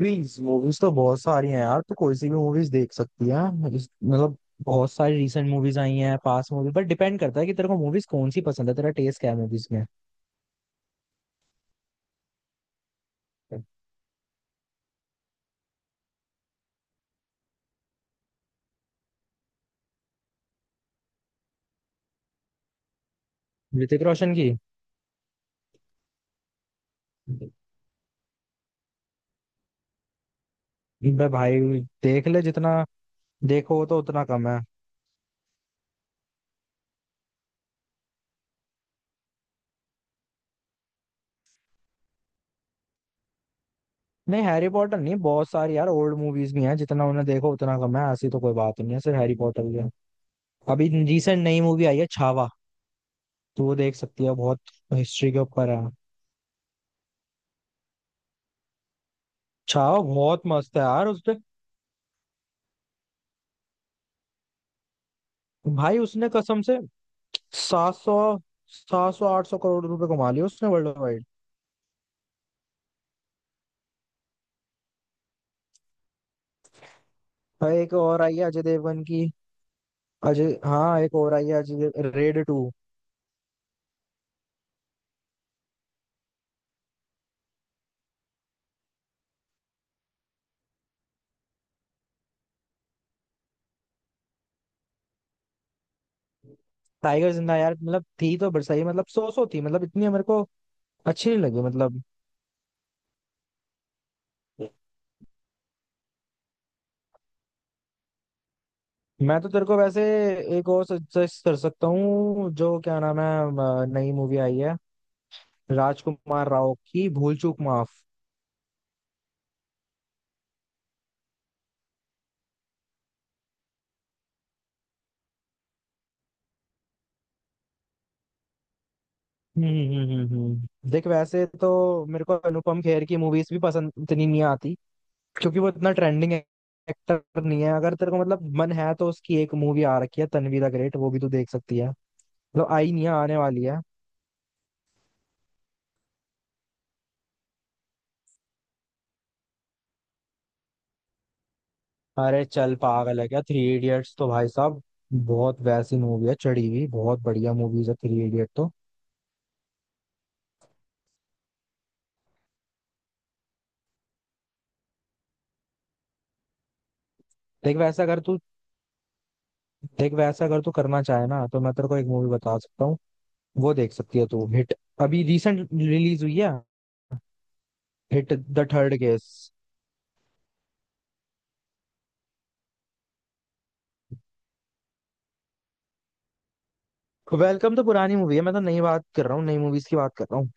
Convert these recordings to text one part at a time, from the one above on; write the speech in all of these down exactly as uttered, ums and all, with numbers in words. Movies movies तो बहुत सारी हैं यार। तो कोई सी भी मूवीज देख सकती है। इस- मतलब बहुत सारी रिसेंट मूवीज आई हैं। पास मूवी पर डिपेंड करता है कि तेरे को मूवीज कौन सी पसंद है, तेरा टेस्ट क्या है मूवीज में। ऋतिक रोशन की। बे भाई, देख ले। जितना देखो तो उतना कम है। नहीं, हैरी पॉटर नहीं, बहुत सारी यार ओल्ड मूवीज भी हैं जितना उन्हें देखो उतना कम है। ऐसी तो कोई बात नहीं है, सिर्फ हैरी पॉटर ही है। अभी रिसेंट नई मूवी आई है छावा। तो वो देख सकती है। बहुत हिस्ट्री के ऊपर है। छावा बहुत मस्त है यार। उसने, भाई उसने कसम से सात सौ सात सौ आठ सौ करोड़ रुपए कमा लिए उसने वर्ल्ड वाइड। भाई एक और आई है अजय देवगन की। अजय, हाँ एक और आई है, Ajay Dev- Raid two. Tiger Zinda Hai यार, मतलब थी तो बट सही, मतलब सो सो थी, मतलब इतनी मेरे को अच्छी नहीं लगी मतलब। मैं तो तेरे को वैसे एक और सजेस्ट कर सकता हूँ। जो, क्या नाम है, अ, नई मूवी आई है राजकुमार राव की, भूल चूक माफ। हम्म हम्म हम्म हम्म। देख, वैसे तो मेरे को अनुपम खेर की मूवीज भी पसंद इतनी नहीं आती क्योंकि वो इतना ट्रेंडिंग एक्टर नहीं है। अगर तेरे को मतलब मन है तो उसकी एक मूवी आ रखी है, तन्वी द ग्रेट, वो भी तू देख सकती है। मतलब आई नहीं है, आने वाली है। अरे चल, पागल है क्या, थ्री इडियट्स तो भाई साहब बहुत वैसी मूवी है, चढ़ी हुई, बहुत बढ़िया मूवीज है थ्री इडियट तो। देख वैसा अगर तू देख वैसा, अगर तू करना चाहे ना तो मैं तेरे को एक मूवी बता सकता हूँ, वो देख सकती है तू। हिट अभी रिसेंट रिलीज हुई है, hit the third case. Welcome तो पुरानी मूवी है, मैं तो नई बात कर रहा हूँ, नई मूवीज की बात कर रहा हूँ।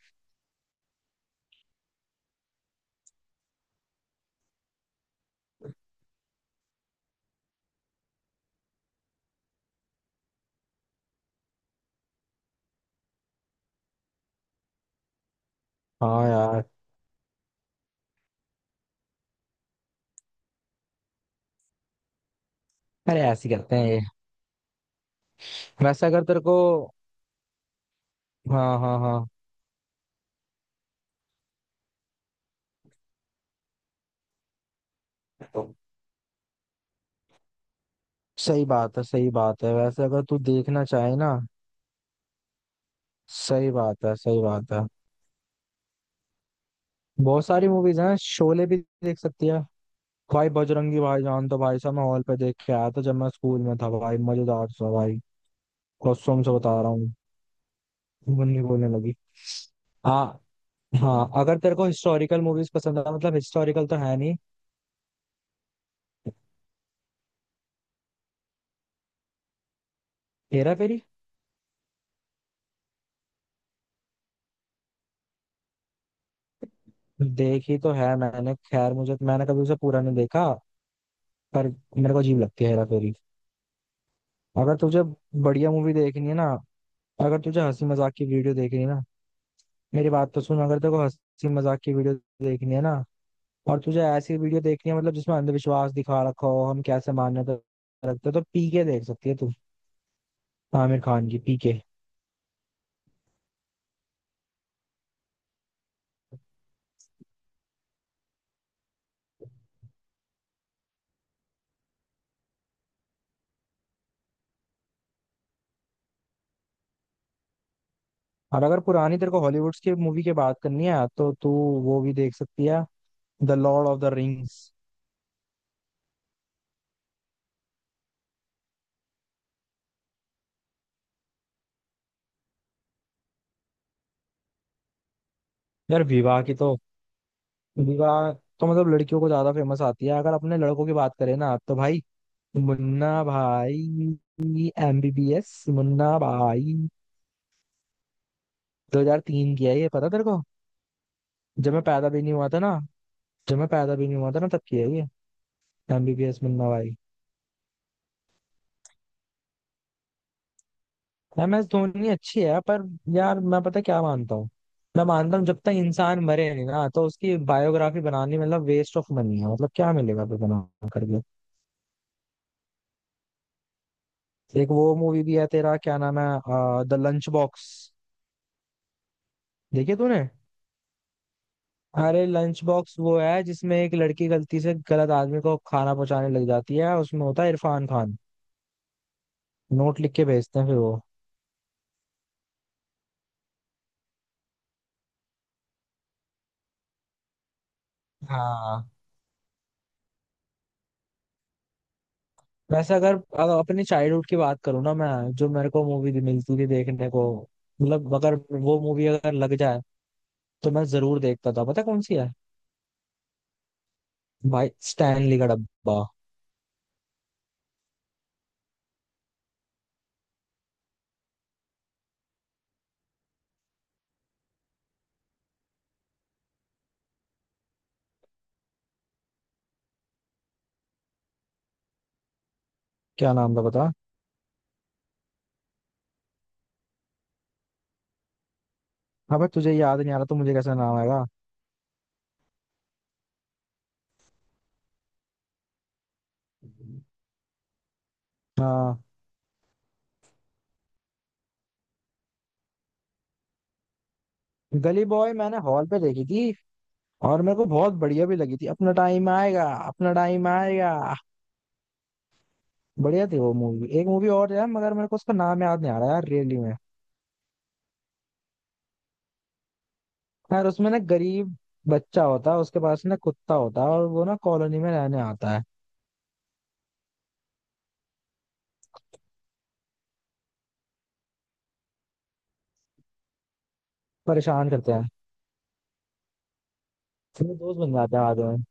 हाँ यार। अरे ऐसे ही करते हैं ये। वैसे अगर तेरे को। हाँ हाँ हाँ। सही बात है, सही बात है। वैसे अगर तू देखना चाहे ना। सही बात है, सही बात है। बहुत सारी मूवीज हैं, शोले भी देख सकती है। भाई बजरंगी भाईजान तो भाई साहब मैं हॉल पे देख के आया था जब मैं स्कूल में था। भाई मजेदार था भाई, कसम से बता रहा हूँ। मुन्नी बोलने लगी। हाँ। हाँ अगर तेरे को हिस्टोरिकल मूवीज पसंद है, मतलब हिस्टोरिकल तो है नहीं। हेरा फेरी देखी तो है मैंने, खैर मुझे मैंने कभी उसे पूरा नहीं देखा। पर मेरे को अजीब लगती है हेरा फेरी। अगर तुझे बढ़िया मूवी देखनी है ना, अगर तुझे हंसी मजाक की वीडियो देखनी है ना, मेरी बात तो सुन, अगर तेरे को हंसी मजाक की वीडियो देखनी है ना, और तुझे ऐसी वीडियो देखनी है मतलब जिसमें अंधविश्वास दिखा रखा हो, हम कैसे मान्यता रखते हैं, तो पीके देख सकती है तू। आमिर खान की पीके। और अगर पुरानी तेरे को हॉलीवुड की मूवी की बात करनी है तो तू वो भी देख सकती है, the lord of the rings. यार विवाह की तो विवाह तो मतलब लड़कियों को ज्यादा फेमस आती है। अगर अपने लड़कों की बात करें ना तो भाई, मुन्ना भाई एमबीबीएस मुन्ना भाई। दो हज़ार तीन की है ये, पता तेरे को? जब मैं पैदा भी नहीं हुआ था ना, जब मैं पैदा भी नहीं हुआ था ना, तब की है ये। एमबीबीएस मुन्ना भाई। एम एस धोनी अच्छी है पर यार मैं पता क्या मानता हूँ, मैं मानता हूँ जब तक इंसान मरे नहीं ना तो उसकी बायोग्राफी बनानी मतलब वेस्ट ऑफ मनी है। मतलब क्या मिलेगा फिर बना करके। एक वो मूवी भी है तेरा, क्या नाम है, द लंच बॉक्स। देखिए तूने। अरे लंच बॉक्स वो है जिसमें एक लड़की गलती से गलत आदमी को खाना पहुंचाने लग जाती है, उसमें होता है इरफान खान। नोट लिख के भेजते हैं फिर वो। हाँ। वैसे अगर, अगर अपनी चाइल्डहुड की बात करूँ ना मैं, जो मेरे को मूवी मिलती थी देखने को, मतलब अगर वो मूवी अगर लग जाए तो मैं जरूर देखता था, पता है कौन सी है, भाई, स्टैनली का डब्बा। क्या नाम था पता। अबे तुझे याद नहीं आ रहा तो मुझे कैसे नाम आएगा। हाँ। गली बॉय मैंने हॉल पे देखी थी और मेरे को बहुत बढ़िया भी लगी थी। अपना टाइम आएगा, अपना टाइम आएगा। बढ़िया थी वो मूवी। एक मूवी और यार, मगर मेरे को उसका नाम याद नहीं आ रहा यार, रियली में। यार उसमें ना गरीब बच्चा होता है, उसके पास ना कुत्ता होता है और वो ना कॉलोनी में रहने आता है। परेशान करते हैं। फिर वो दोस्त बन जाते हैं बाद में।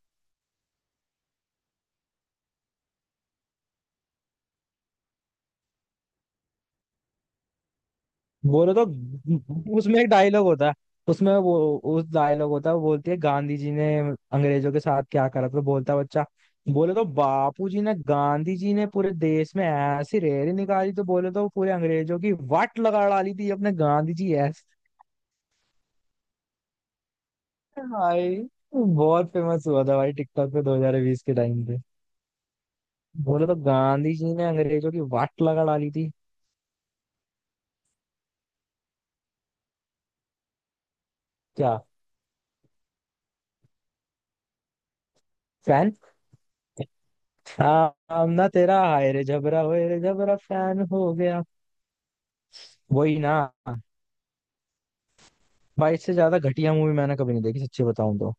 बोलो तो उसमें एक डायलॉग होता है, उसमें वो, उस डायलॉग होता है, वो बोलती है, गांधी जी ने अंग्रेजों के साथ क्या करा था? तो बोलता है बच्चा, बोले तो बापू जी ने, गांधी जी ने पूरे देश में ऐसी रैली निकाली, तो बोले तो पूरे अंग्रेजों की वाट लगा डाली थी अपने गांधी जी ऐसे। भाई बहुत फेमस हुआ था भाई, टिकटॉक पे दो हज़ार बीस के टाइम पे। बोले तो गांधी जी ने अंग्रेजों की वाट लगा डाली थी। क्या। फैन। हाँ, हम ना, तेरा हाय रे जबरा, होए रे जबरा फैन हो गया। वही ना। भाई इससे ज्यादा घटिया मूवी मैंने कभी नहीं देखी सच्ची बताऊं तो।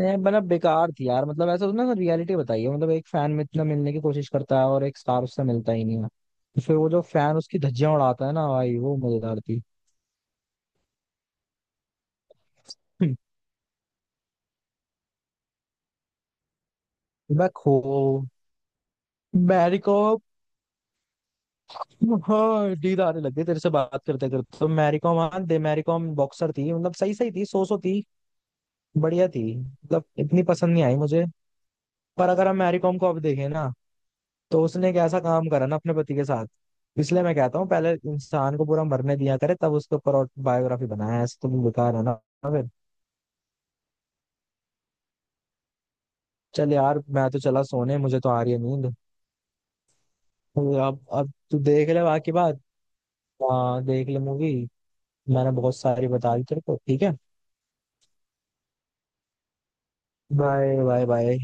ये मतलब बेकार थी यार। मतलब ऐसा ना रियलिटी बताई है, मतलब एक फैन में इतना मिलने की कोशिश करता है और एक स्टार उससे मिलता ही नहीं है, तो फिर वो जो फैन उसकी धज्जियां उड़ाता है ना भाई, वो मजेदार थी। मैं खो। मैरी कॉम। हाँ नींद आने लग गई तेरे से बात करते करते। तो मैरी कॉम, हाँ, दे मैरी कॉम बॉक्सर थी मतलब, सही सही थी, सो सो थी। बढ़िया थी मतलब इतनी पसंद नहीं आई मुझे। पर अगर हम मैरी कॉम को अब देखें ना, तो उसने एक ऐसा काम करा ना अपने पति के साथ, इसलिए मैं कहता हूँ पहले इंसान को पूरा मरने दिया करे तब उसके ऊपर बायोग्राफी बनाया, ऐसे तो बेकार है ना। फिर। चल यार, मैं तो चला सोने, मुझे तो आ रही है नींद। तो अब अब तू देख ले बाकी बात। हाँ देख ले मूवी। मैंने बहुत सारी बता दी तेरे को, ठीक है। Bye bye bye.